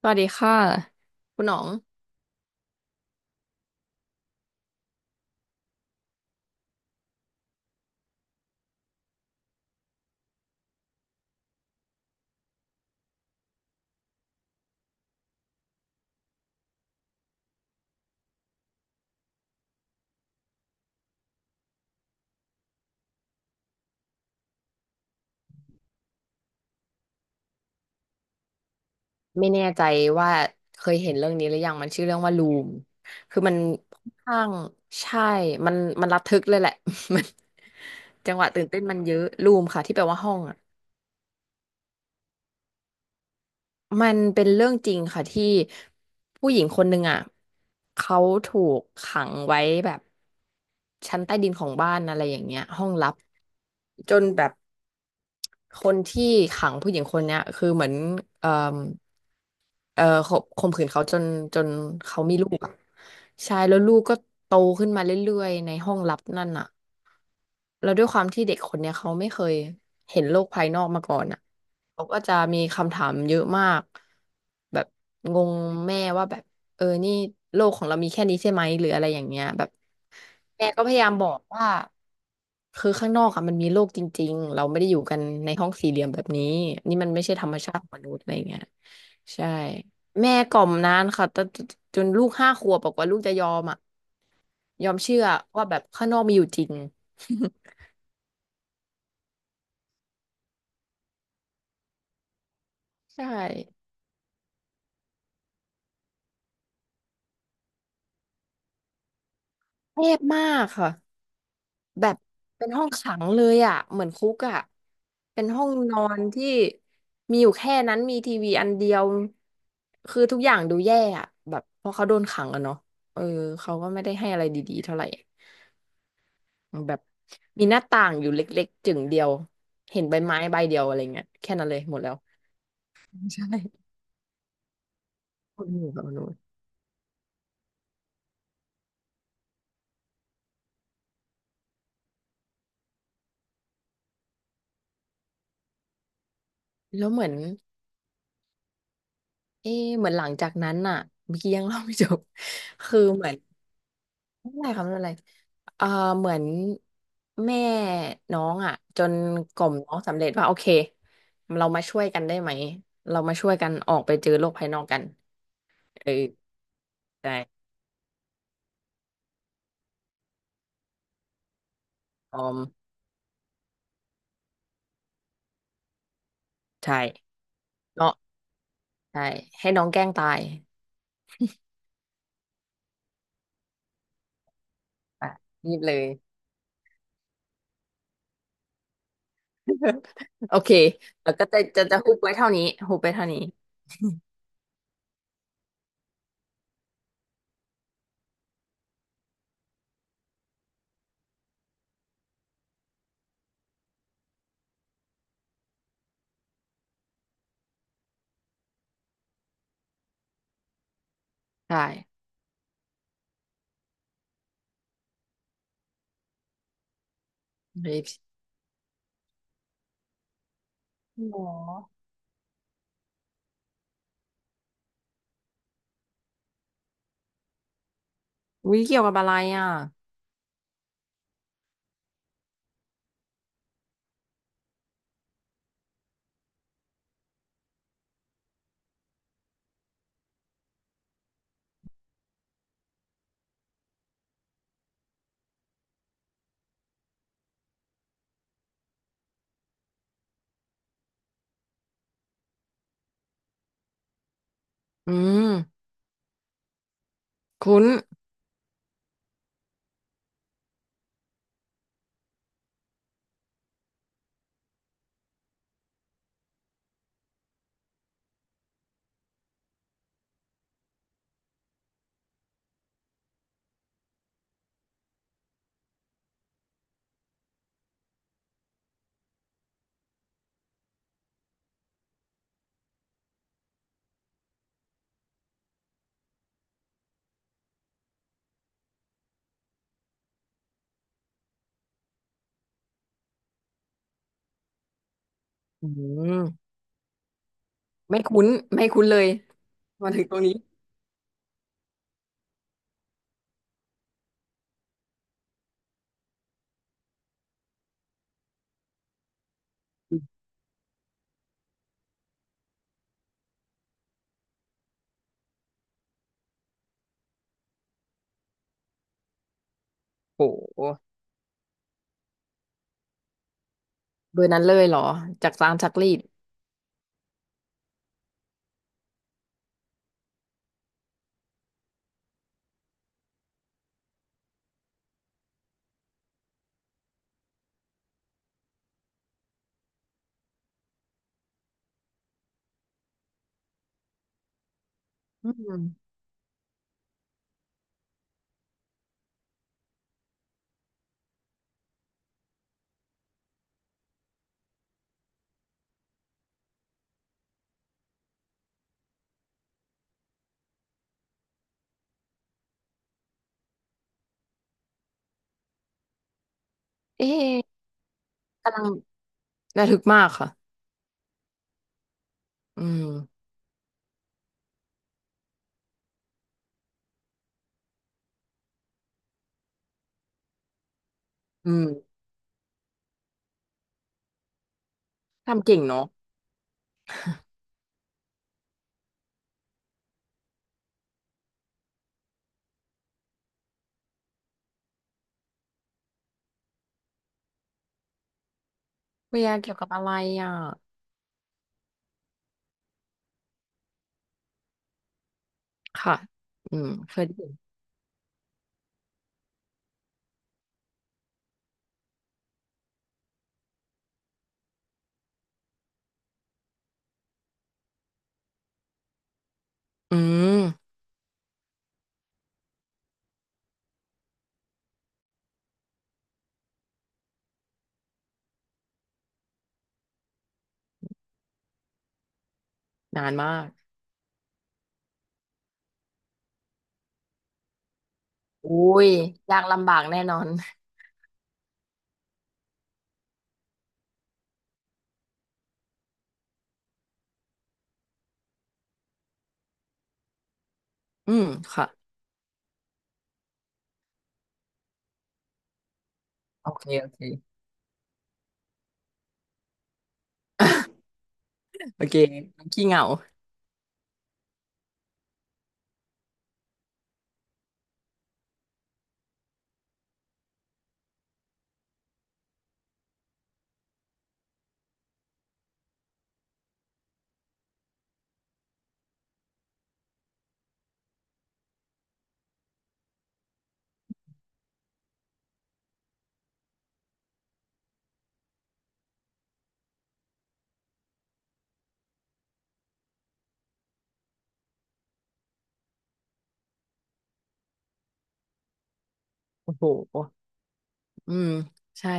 สวัสดีค่ะคุณหนองไม่แน่ใจว่าเคยเห็นเรื่องนี้หรือยังมันชื่อเรื่องว่าลูมคือมันค่อนข้างใช่มันมันระทึกเลยแหละ มันจังหวะตื่นเต้นมันเยอะลูมค่ะที่แปลว่าห้องอ่ะมันเป็นเรื่องจริงค่ะที่ผู้หญิงคนหนึ่งอ่ะเขาถูกขังไว้แบบชั้นใต้ดินของบ้านอะไรอย่างเงี้ยห้องลับจนแบบ คนที่ขังผู้หญิงคนเนี้ยคือเหมือนเอ่อขบข่มขืนเขาจนเขามีลูกอ่ะใช่แล้วลูกก็โตขึ้นมาเรื่อยๆในห้องลับนั่นอ่ะแล้วด้วยความที่เด็กคนเนี้ยเขาไม่เคยเห็นโลกภายนอกมาก่อนอ่ะเขาก็จะมีคำถามเยอะมากแบบงงแม่ว่าแบบเออนี่โลกของเรามีแค่นี้ใช่ไหมหรืออะไรอย่างเงี้ยแบบแม่ก็พยายามบอกว่า คือข้างนอกอะมันมีโลกจริงๆ เราไม่ได้อยู่กันในห้องสี่เหลี่ยมแบบนี้นี่มันไม่ใช่ธรรมชาติของมนุษย์อะไรเงี้ยใช่ แม่กล่อมนานค่ะแต่จนลูกห้าขวบบอกว่าลูกจะยอมอ่ะยอมเชื่อว่าแบบข้างนอกมีอยู่จริง ใช่แคบมากค่ะแบบเป็นห้องขังเลยอ่ะเหมือนคุกอ่ะเป็นห้องนอนที่มีอยู่แค่นั้นมีทีวีอันเดียวคือทุกอย่างดูแย่อ่ะแบบเพราะเขาโดนขังอะเนาะเออเขาก็ไม่ได้ให้อะไรดีๆเท่าไหร่ แบบมีหน้าต่างอยู่เล็กๆจึ่งเดียวเห็นใบไม้ใบเดียวอะไรเงี้ยแค่นั้นเลยหมดแล้วใช่คนหมู่กับบนู้นแล้วเหมือนเอ๊ะเหมือนหลังจากนั้นน่ะเมื่อกี้ยังเล่าไม่จบ คือเหมือนไม่เป็นไรครับไม่เป็นไรเอ่อเหมือนแม่น้องอ่ะจนกล่อมน้องสำเร็จว่าโอเคเรามาช่วยกันได้ไหมเรามาช่วยกันออกไปเจอโลกภายนอกกันเออใช่ออมใช่เนาะใช่ให้น้องแกล้งตายอ่ะนี่เลย โอเค แล้วก็จะฮุบไว้เท่านี้ฮุบไปเท่านี้ใช่เฮ้ยหรออุ๊ยเกี่ยวกับอะไรอ่ะอืมคุ้นอืมไม่คุ้นไม่คุ้นเลยมาถึงตรงนี้โอ้โหเบอร์นั้นเลยเหรอจากร้านซักรีดอืมเอ๊ะกำลังระทึกมากค่ะอืมอืมทำเก่งเนาะเบียร์เกี่ยวกับอะไรอ่ะค่ะอืมเคยได้ยินอืมนานมากอุ้ยยากลำบากแน่นอนอืมค่ะ โอเค โอเค โอเคน้องขี้เหงา โอ้โหอืมใช่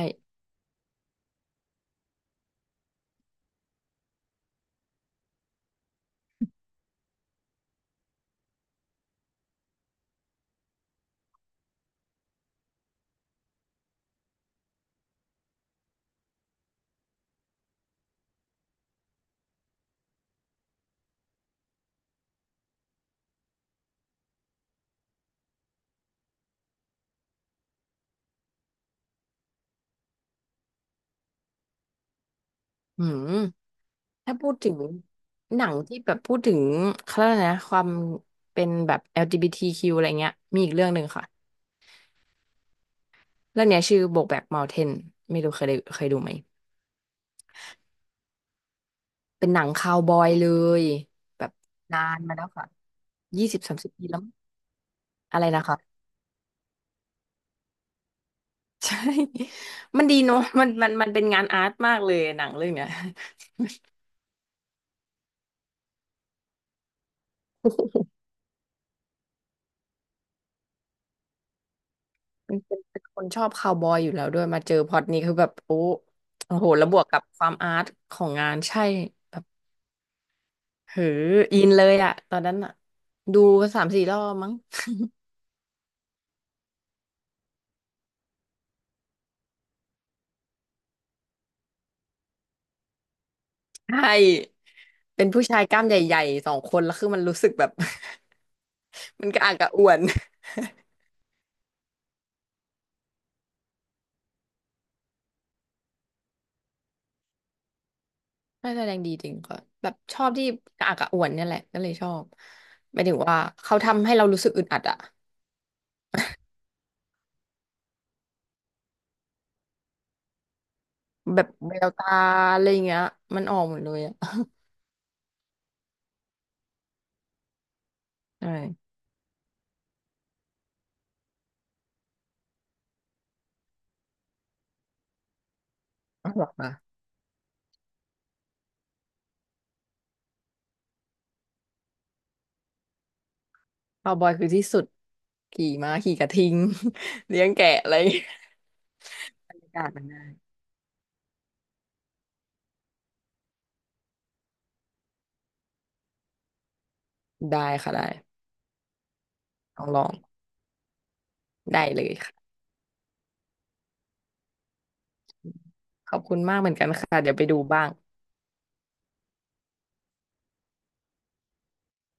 อืมถ้าพูดถึงหนังที่แบบพูดถึงเขาเรียกอะไรนะความเป็นแบบ LGBTQ อลจีบีทีคิวอะไรเงี้ยมีอีกเรื่องหนึ่งค่ะ เรื่องเนี้ยชื่อ BoJack Mountain ไม่รู้เคยดูไหมเป็นหนังคาวบอยเลย แบบนานมาแล้วค่ะยี่สิบสามสิบปีแล้ว อะไรนะคะ ใช่ มันดีเนอะ มันเป็นงานอาร์ตมากเลยหนังเรื่องเนี้ย มันเป็นคนชอบคาวบอยอยู่แล้วด้วยมาเจอพล็อตนี้คือแบบโอ้โอ้โหแล้วบวกกับความอาร์ตของงานใช่แบบเฮ้ออินเลยอะตอนนั้นอะดูสามสี่รอบมั้ง ใช่เป็นผู้ชายกล้ามใหญ่ๆสองคนแล้วคือมันรู้สึกแบบ มันกระอักกระอ่วน น่าแสดงดีจริงค่ะแบบชอบที่กระอักกระอ่วนเนี่ยแหละก็เลยชอบหมายถึงว่าเขาทำให้เรารู้สึกอึดอัดอะแบบแววตาอะไรอย่างเงี้ยมันออกหมดเลยอะใช่ ออเหรอ คาวบอยคือที่สุดขี่ม้าขี่กระทิง เลี้ยงแกะอะไรอย่างเงี้ยบรรยากาศมันได้ได้ค่ะได้ลองลองได้เลยค่ะขอบคุณมากเหมือนกันค่ะเดี๋ยวไปดูบ้าง